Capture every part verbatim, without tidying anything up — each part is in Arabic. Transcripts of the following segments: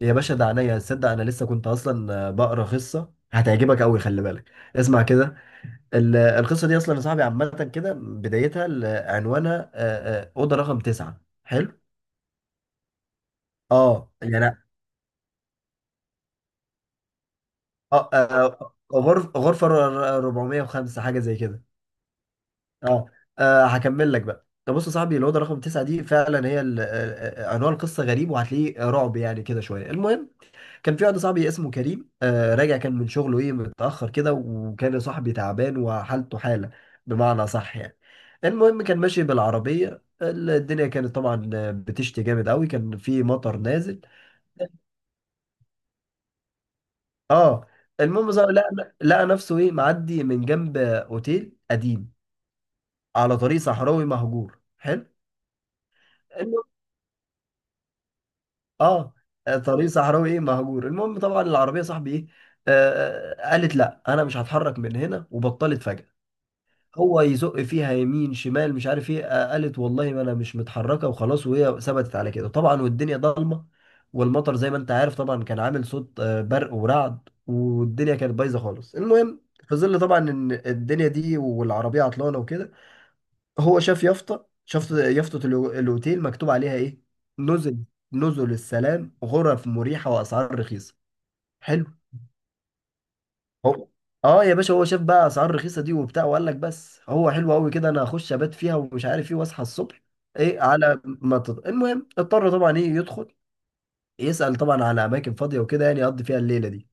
يا باشا ده عينيا تصدق. انا لسه كنت اصلا آه، بقرا قصه هتعجبك قوي، خلي بالك اسمع كده. ال- القصه دي اصلا يا صاحبي عامه كده، بدايتها ال- عنوانها آه، آه، اوضه رقم تسعة. حلو. اه يعني. اه آه، آه، غرف غرفه ر- اربعمية وخمسة، حاجه زي كده. اه آه، هكمل لك بقى. طب بص يا صاحبي، الاوضه رقم تسعة دي فعلا هي ال- آه، آه، آه، عنوان القصه غريب، وهتلاقيه رعب يعني كده شويه. المهم كان في واحد صاحبي اسمه كريم، آه راجع كان من شغله ايه متأخر كده، وكان يا صاحبي تعبان وحالته حالة، بمعنى صح يعني. المهم كان ماشي بالعربية، الدنيا كانت طبعا آه، بتشتي جامد قوي، كان في مطر نازل. اه المهم صار لقى لقى نفسه ايه معدي من جنب اوتيل قديم على طريق صحراوي مهجور. حلو. المهم اه طريق صحراوي ايه مهجور، المهم طبعا العربيه صاحبي ايه آه آه، قالت لا، انا مش هتحرك من هنا، وبطلت فجأة. هو يزق فيها يمين شمال، مش عارف ايه، آه، قالت والله ما انا مش متحركه وخلاص، وهي ثبتت على كده. طبعا والدنيا ضلمه، والمطر زي ما انت عارف طبعا، كان عامل صوت آه، برق ورعد، والدنيا كانت بايظه خالص. المهم، في ظل طبعا ان الدنيا دي والعربيه عطلانه وكده، هو شاف يافطه شاف يافطه الو- الاوتيل مكتوب عليها ايه؟ نزل نزل السلام، غرف مريحه واسعار رخيصه. حلو. هو اه يا باشا، هو شاف بقى اسعار رخيصه دي وبتاع، وقال لك بس هو حلو قوي كده، انا هخش ابات فيها ومش عارف ايه، واصحى الصبح. ايه على ما تط... المهم اضطر طبعا ايه يدخل يسال طبعا على اماكن فاضيه وكده، يعني يقضي فيها الليله دي.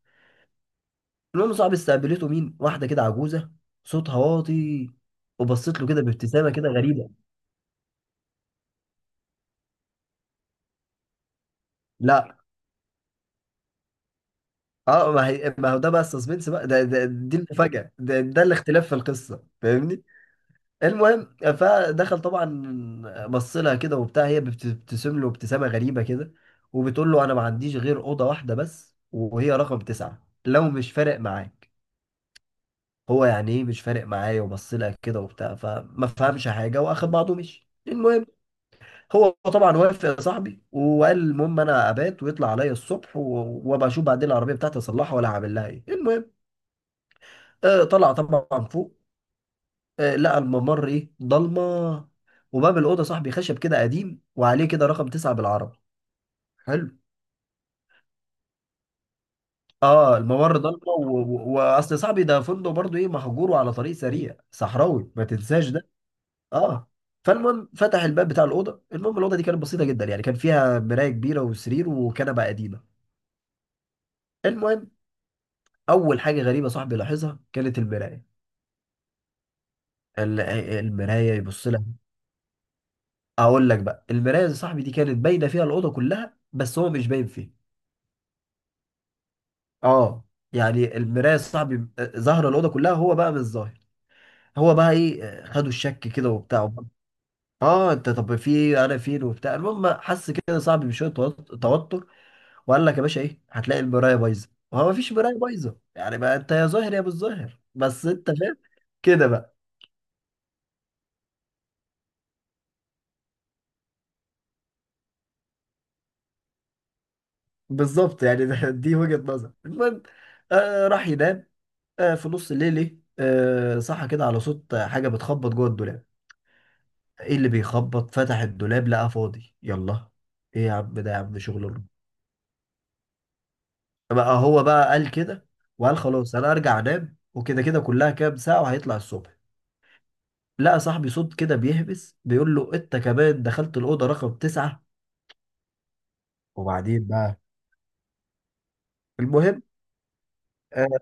المهم صاحبي استقبلته مين؟ واحده كده عجوزه، صوتها واطي، وبصيت له كده بابتسامه كده غريبه. لا، اه، ما هي ما هو ده بقى السسبنس بقى، ده, ده دي المفاجاه، ده, ده الاختلاف في القصه، فاهمني. المهم فدخل طبعا، بص لها كده وبتاع، هي بتبتسم له ابتسامه غريبه كده، وبتقول له انا ما عنديش غير اوضه واحده بس، وهي رقم تسعه لو مش فارق معاك. هو يعني ايه مش فارق معايا، وبص لها كده وبتاع فما فهمش حاجه، واخد بعضه ومشي. المهم هو طبعا وافق يا صاحبي، وقال المهم انا ابات ويطلع عليا الصبح، و- وابقى اشوف بعدين العربيه بتاعتي، اصلحها ولا هعمل لها ايه. المهم آه، طلع طبعا فوق، آه، لقى الممر ايه ضلمه، وباب الاوضه صاحبي خشب كده قديم، وعليه كده رقم تسعة بالعربي. حلو. اه الممر ضلمه، و- و- واصل صاحبي ده فندق برضو ايه مهجور وعلى طريق سريع صحراوي، ما تنساش ده. اه فالمهم فتح الباب بتاع الاوضه. المهم الاوضه دي كانت بسيطه جدا يعني، كان فيها مرايه كبيره وسرير وكنبه قديمه. المهم اول حاجه غريبه صاحبي لاحظها كانت المرايه. ال- المرايه يبص لها. اقول لك بقى، المرايه يا صاحبي دي كانت باينه فيها الاوضه كلها، بس هو مش باين فيها. اه يعني المرايه صاحبي ظاهره الاوضه كلها، هو بقى مش ظاهر. هو بقى ايه آه، خدوا الشك كده وبتاع. اه انت طب في إيه؟ انا فين وبتاع. المهم حس كده صاحبي بشويه توت- توتر، وقال لك يا باشا ايه، هتلاقي المرايه بايظه، وهو ما فيش مرايه بايظه، يعني بقى انت يا ظاهر يا مش ظاهر، بس انت فاهم كده بقى. بالظبط يعني. ده- دي وجهه نظر. المهم آه راح ينام. آه في نص الليل ايه، آه صحى كده على صوت حاجه بتخبط جوه الدولاب. ايه اللي بيخبط؟ فتح الدولاب، لقى فاضي. يلا، ايه يا عم ده، يا عم شغل الر- بقى هو بقى قال كده، وقال خلاص انا ارجع انام وكده، كده كلها كام ساعة وهيطلع الصبح. لقى صاحبي صوت كده بيهبس بيقول له انت كمان دخلت الأوضة رقم تسعة؟ وبعدين بقى المهم اه,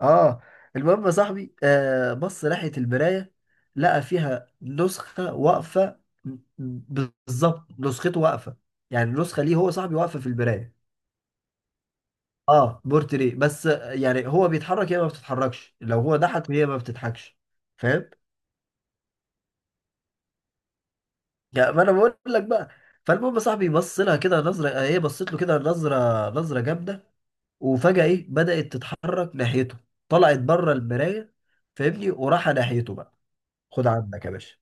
آه المهم يا صاحبي، آه بص ناحية المراية، لقى فيها نسخة واقفة، بالظبط نسخته واقفة. يعني النسخة ليه هو صاحبي واقفة في المراية. اه بورتري، بس يعني هو بيتحرك هي ما بتتحركش، لو هو ضحك هي ما بتضحكش، فاهم؟ يعني ما انا بقول لك بقى. فالمهم يا صاحبي بص لها كده نظره، هي بصت له كده نظره، نظره جامده، وفجاه ايه بدات تتحرك ناحيته، طلعت بره المرايه، فاهمني، وراح ناحيته بقى. خد عندك يا باشا،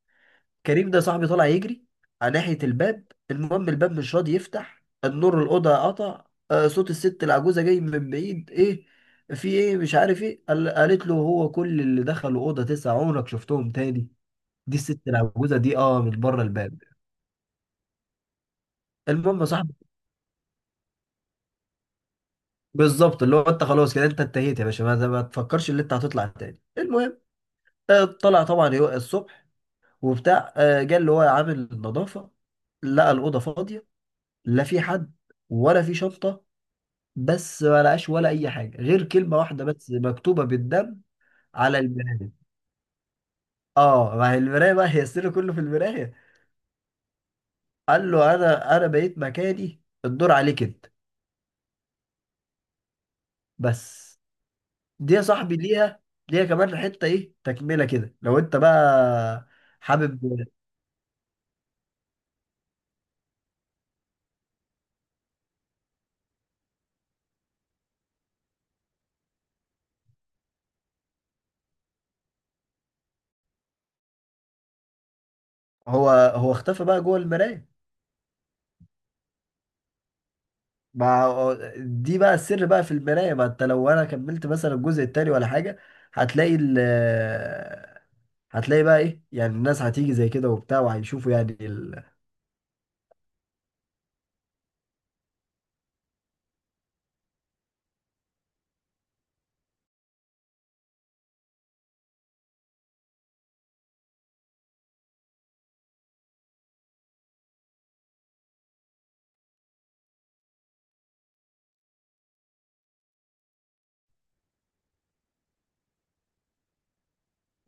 كريم ده صاحبي طالع يجري على ناحية الباب. المهم الباب مش راضي يفتح، النور الأوضة قطع، آه، صوت الست العجوزة جاي من بعيد ايه، في ايه مش عارف ايه، قال- قالت له هو كل اللي دخلوا أوضة تسعة عمرك شفتهم تاني؟ دي الست العجوزة دي، اه من بره الباب. المهم يا صاحبي، بالظبط اللي هو انت خلاص كده، انت انتهيت يا باشا، ما, ما تفكرش اللي انت هتطلع تاني. المهم آه، طلع طبعا يو- الصبح وبتاع، آه، جه اللي هو عامل النظافة، لقى الأوضة فاضية، لا في حد ولا في شنطة، بس ما لقاش ولا اي حاجه غير كلمه واحده بس مكتوبه بالدم على المرايه. اه ما هي المرايه بقى، هي السر كله في المرايه. قال له انا انا بقيت مكاني، الدور عليك انت. بس دي يا صاحبي، ليها ليها كمان حته ايه تكمله كده، لو انت بقى حابب. هو هو اختفى بقى جوه المرايه. ما دي بقى السر بقى في المرايه، ما انت لو انا كملت مثلا الجزء التاني ولا حاجه، هتلاقي ال هتلاقي بقى ايه، يعني الناس هتيجي زي كده وبتاع، وهيشوفوا يعني ال...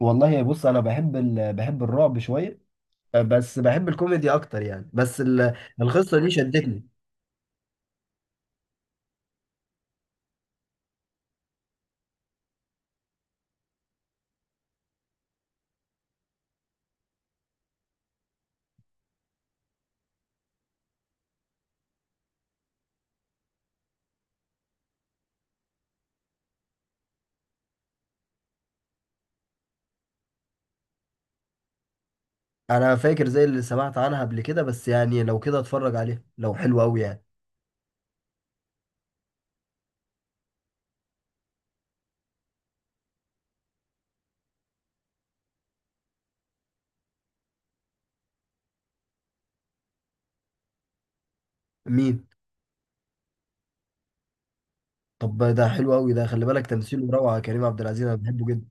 والله بص، انا بحب ال... بحب الرعب شويه، آه، بس بحب الكوميدي اكتر، يعني بس ال... القصه دي شدتني. انا فاكر زي اللي سمعت عنها قبل كده، بس يعني لو كده اتفرج عليها، لو حلو قوي يعني. مين؟ طب ده حلو قوي، ده خلي بالك تمثيله روعه، كريم عبد العزيز انا بحبه جدا.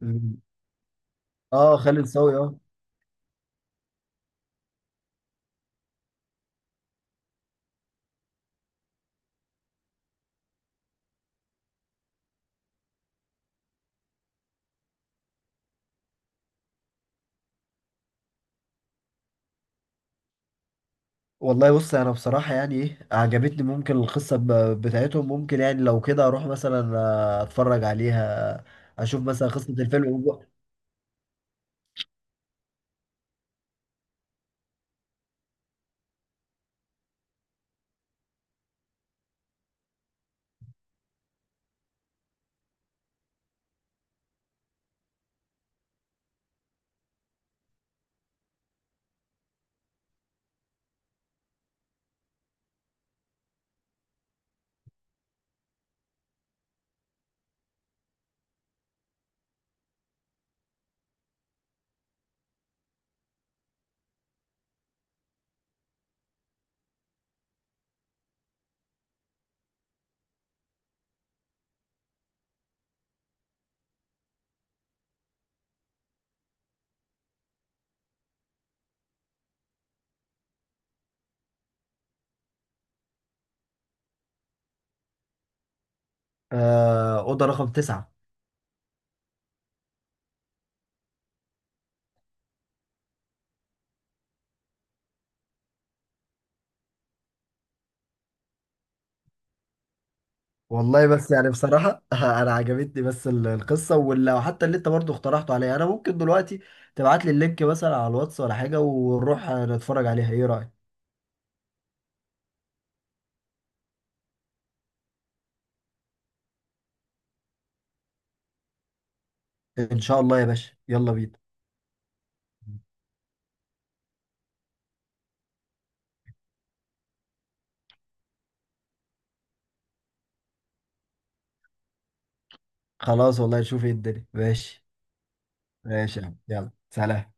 مم. اه، خالد صاوي، اه. والله بص انا بصراحه يعني ايه عجبتني ممكن القصه ب- بتاعتهم، ممكن يعني لو كده اروح مثلا آه، اتفرج عليها، اشوف مثلا قصه الفيلم أوض- آه، اوضه رقم تسعة. والله بس يعني بصراحه انا عجبتني بس ال- القصه واللي حتى اللي انت برضو اقترحته عليا. انا ممكن دلوقتي تبعت لي اللينك مثلا على الواتس ولا حاجه، ونروح آه، نتفرج عليها، ايه رايك؟ ان شاء الله يا باشا، يلا بينا. خلاص والله، نشوف ايه الدنيا، ماشي. ماشي يا عم، يلا سلام.